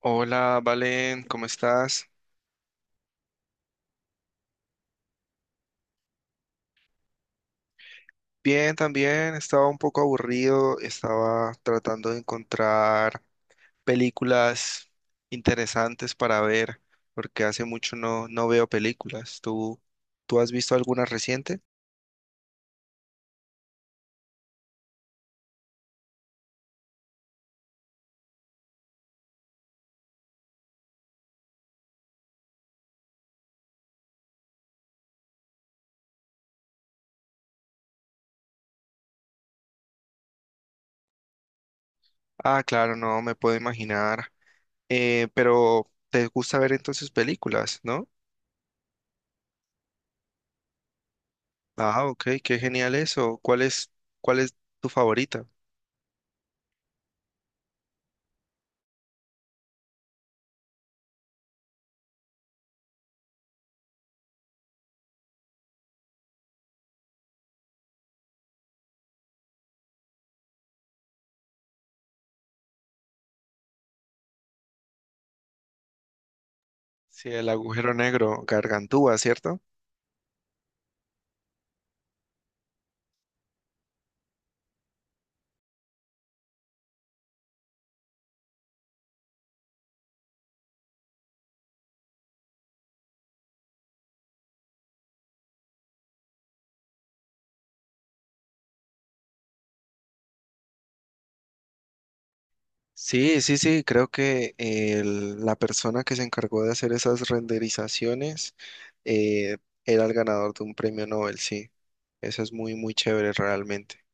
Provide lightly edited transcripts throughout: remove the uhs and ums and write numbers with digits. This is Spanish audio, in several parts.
Hola, Valen, ¿cómo estás? Bien, también estaba un poco aburrido, estaba tratando de encontrar películas interesantes para ver, porque hace mucho no veo películas. ¿Tú has visto alguna reciente? Ah, claro, no, me puedo imaginar. Pero te gusta ver entonces películas, ¿no? Ah, ok, qué genial eso. ¿Cuál es tu favorita? Sí, el agujero negro, Gargantúa, ¿cierto? Sí, sí, sí, creo que la persona que se encargó de hacer esas renderizaciones eh, era el ganador de un premio Nobel, sí. Eso es muy, muy chévere realmente.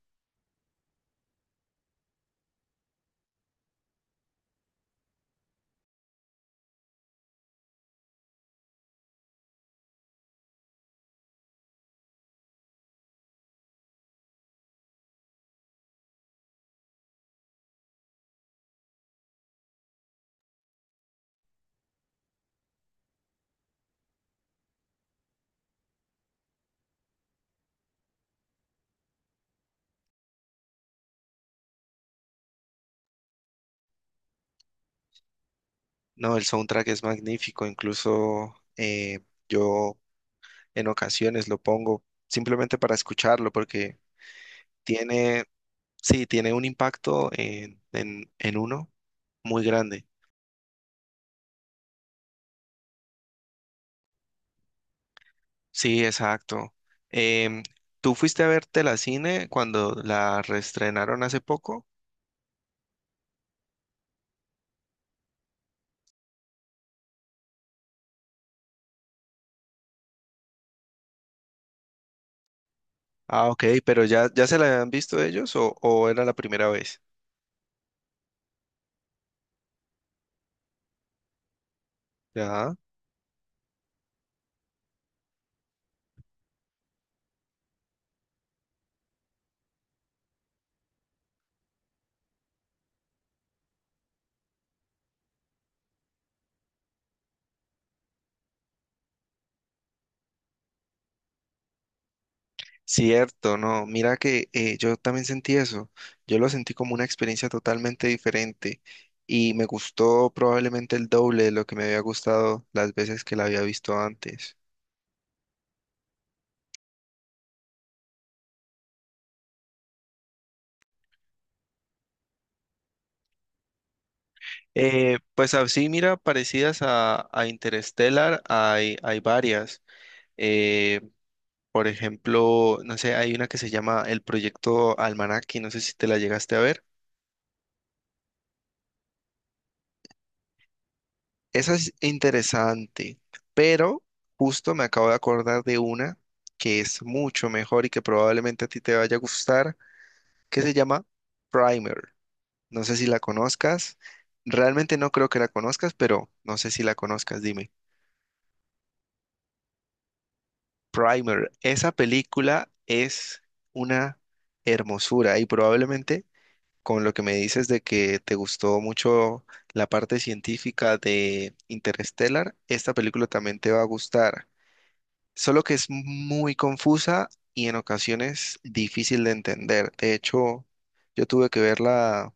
No, el soundtrack es magnífico, incluso yo en ocasiones lo pongo simplemente para escucharlo porque tiene, sí, tiene un impacto en uno muy grande. Sí, exacto. Em, ¿Tú fuiste a verte la cine cuando la reestrenaron hace poco? Ah, ok, pero ya se la habían visto ellos o era la primera vez. Ya. Cierto, no, mira que yo también sentí eso. Yo lo sentí como una experiencia totalmente diferente y me gustó probablemente el doble de lo que me había gustado las veces que la había visto antes. Pues así, mira, parecidas a Interstellar hay, hay varias. Eh, por ejemplo, no sé, hay una que se llama El Proyecto Almanaque, no sé si te la llegaste a ver. Esa es interesante, pero justo me acabo de acordar de una que es mucho mejor y que probablemente a ti te vaya a gustar, que se llama Primer. No sé si la conozcas. Realmente no creo que la conozcas, pero no sé si la conozcas, dime. Primer, esa película es una hermosura y probablemente con lo que me dices de que te gustó mucho la parte científica de Interstellar, esta película también te va a gustar. Solo que es muy confusa y en ocasiones difícil de entender. De hecho, yo tuve que verla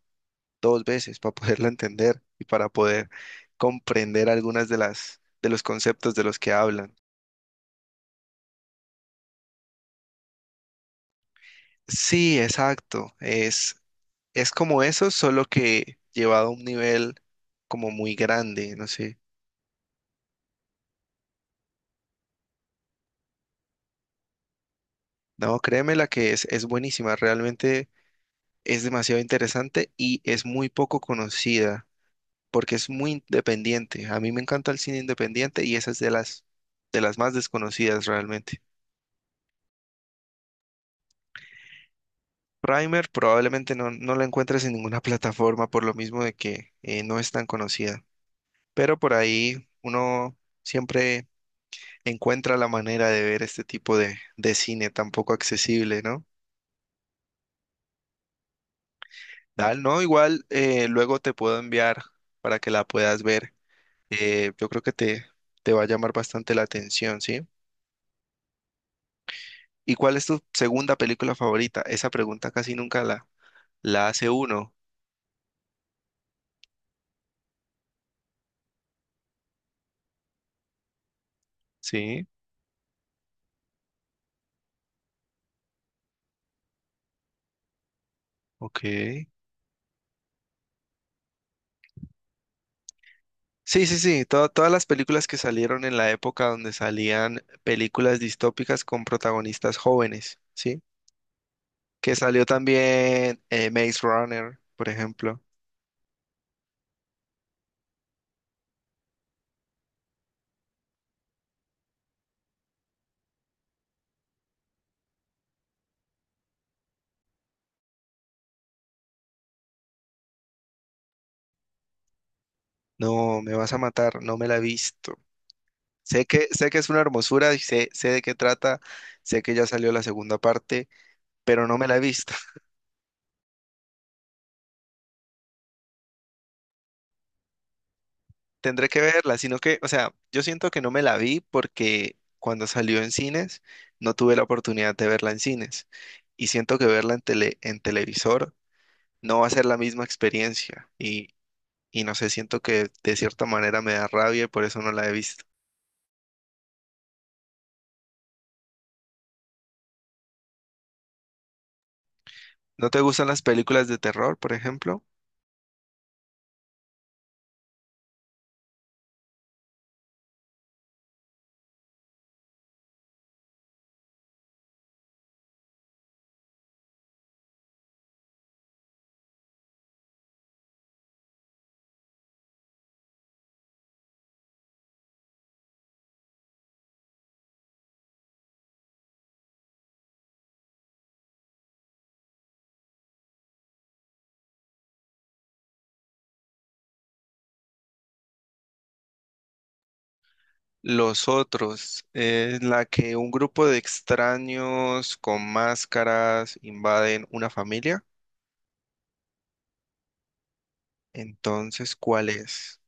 dos veces para poderla entender y para poder comprender algunas de las de los conceptos de los que hablan. Sí, exacto. Es como eso, solo que llevado a un nivel como muy grande, no sé. No, créeme la que es buenísima, realmente es demasiado interesante y es muy poco conocida. Porque es muy independiente. A mí me encanta el cine independiente y esa es de de las más desconocidas realmente. Primer probablemente no la encuentres en ninguna plataforma por lo mismo de que no es tan conocida, pero por ahí uno siempre encuentra la manera de ver este tipo de cine tan poco accesible, ¿no? Dal, no, igual luego te puedo enviar para que la puedas ver. Yo creo que te va a llamar bastante la atención, ¿sí? ¿Y cuál es tu segunda película favorita? Esa pregunta casi nunca la hace uno. Sí, ok. Sí, sí, sí. Todas las películas que salieron en la época donde salían películas distópicas con protagonistas jóvenes, ¿sí? Que salió también Maze Runner, por ejemplo. No, me vas a matar, no me la he visto. Sé que es una hermosura y sé de qué trata, sé que ya salió la segunda parte, pero no me la he visto. Tendré que verla, sino que, o sea, yo siento que no me la vi porque cuando salió en cines no tuve la oportunidad de verla en cines y siento que verla en tele, en televisor no va a ser la misma experiencia y no sé, siento que de cierta manera me da rabia y por eso no la he visto. ¿No te gustan las películas de terror, por ejemplo? Los otros, es la que un grupo de extraños con máscaras invaden una familia. Entonces, ¿cuál es?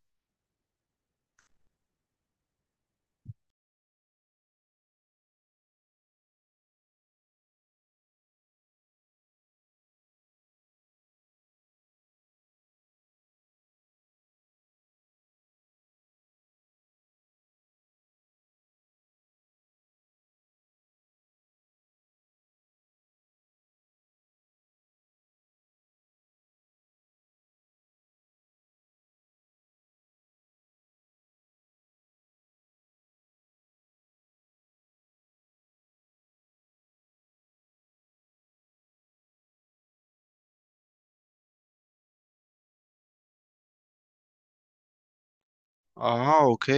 Ah, ok.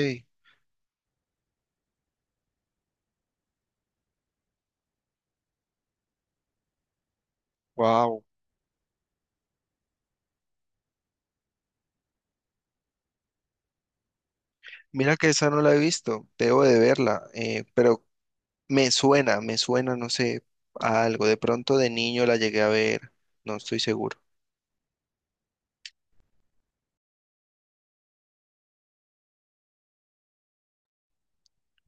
Wow, mira que esa no la he visto, debo de verla, pero me suena, no sé, a algo. De pronto de niño la llegué a ver, no estoy seguro.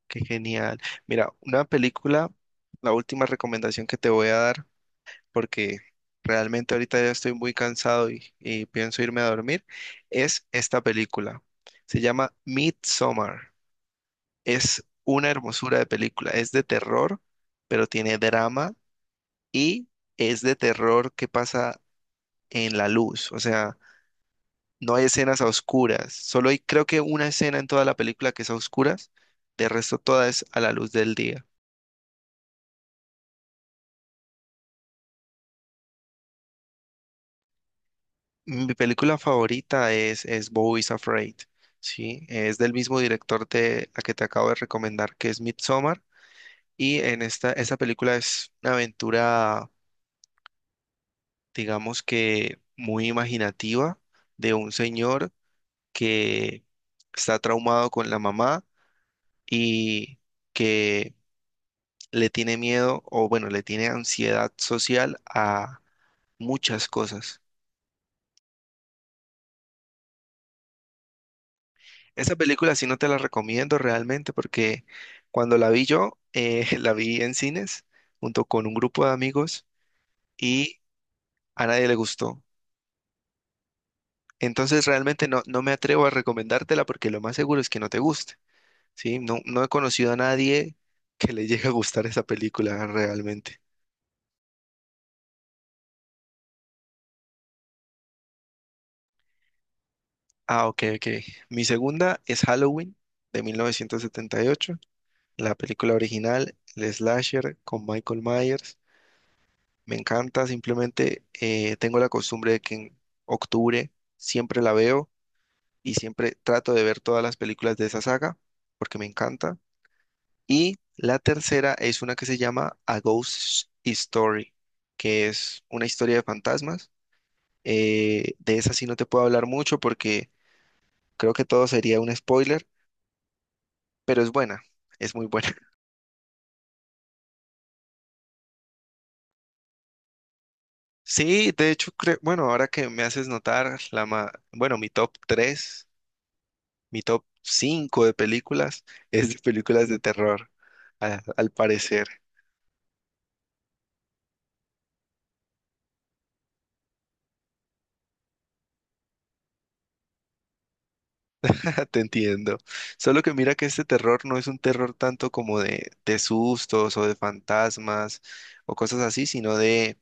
Qué genial. Mira, una película, la última recomendación que te voy a dar, porque realmente ahorita ya estoy muy cansado y pienso irme a dormir, es esta película. Se llama Midsommar. Es una hermosura de película, es de terror, pero tiene drama y es de terror que pasa en la luz, o sea, no hay escenas a oscuras, solo hay creo que una escena en toda la película que es a oscuras, de resto toda es a la luz del día. Mi película favorita es Beau is Afraid, ¿sí? Es del mismo director de la que te acabo de recomendar, que es Midsommar, y en esta película es una aventura, digamos que muy imaginativa, de un señor que está traumado con la mamá, y que le tiene miedo o bueno, le tiene ansiedad social a muchas cosas. Esa película sí no te la recomiendo realmente porque cuando la vi yo, la vi en cines junto con un grupo de amigos y a nadie le gustó. Entonces realmente no me atrevo a recomendártela porque lo más seguro es que no te guste, ¿sí? No, no he conocido a nadie que le llegue a gustar esa película realmente. Ah, ok, ok. Mi segunda es Halloween de 1978, la película original, el slasher con Michael Myers. Me encanta, simplemente tengo la costumbre de que en octubre siempre la veo y siempre trato de ver todas las películas de esa saga porque me encanta. Y la tercera es una que se llama A Ghost Story, que es una historia de fantasmas. De esa sí no te puedo hablar mucho porque creo que todo sería un spoiler, pero es buena, es muy buena. Sí, de hecho, creo, bueno, ahora que me haces notar, bueno, mi top 3, mi top 5 de películas es de películas de terror, al parecer, te entiendo. Solo que mira que este terror no es un terror tanto como de sustos o de fantasmas o cosas así, sino de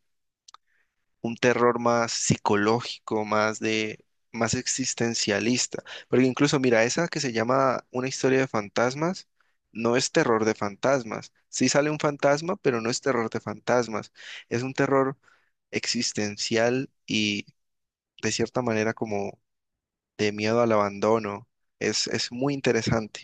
un terror más psicológico, más de, más existencialista. Porque incluso, mira, esa que se llama Una historia de fantasmas, no es terror de fantasmas. Sí sale un fantasma, pero no es terror de fantasmas. Es un terror existencial y de cierta manera como de miedo al abandono. Es muy interesante.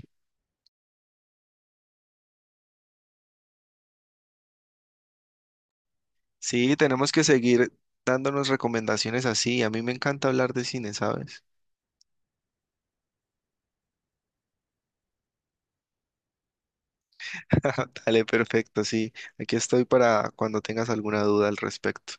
Sí, tenemos que seguir dándonos recomendaciones así. A mí me encanta hablar de cine, ¿sabes? Dale, perfecto, sí. Aquí estoy para cuando tengas alguna duda al respecto.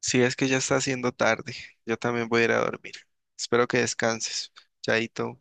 Si es que ya está haciendo tarde, yo también voy a ir a dormir. Espero que descanses. Chaito.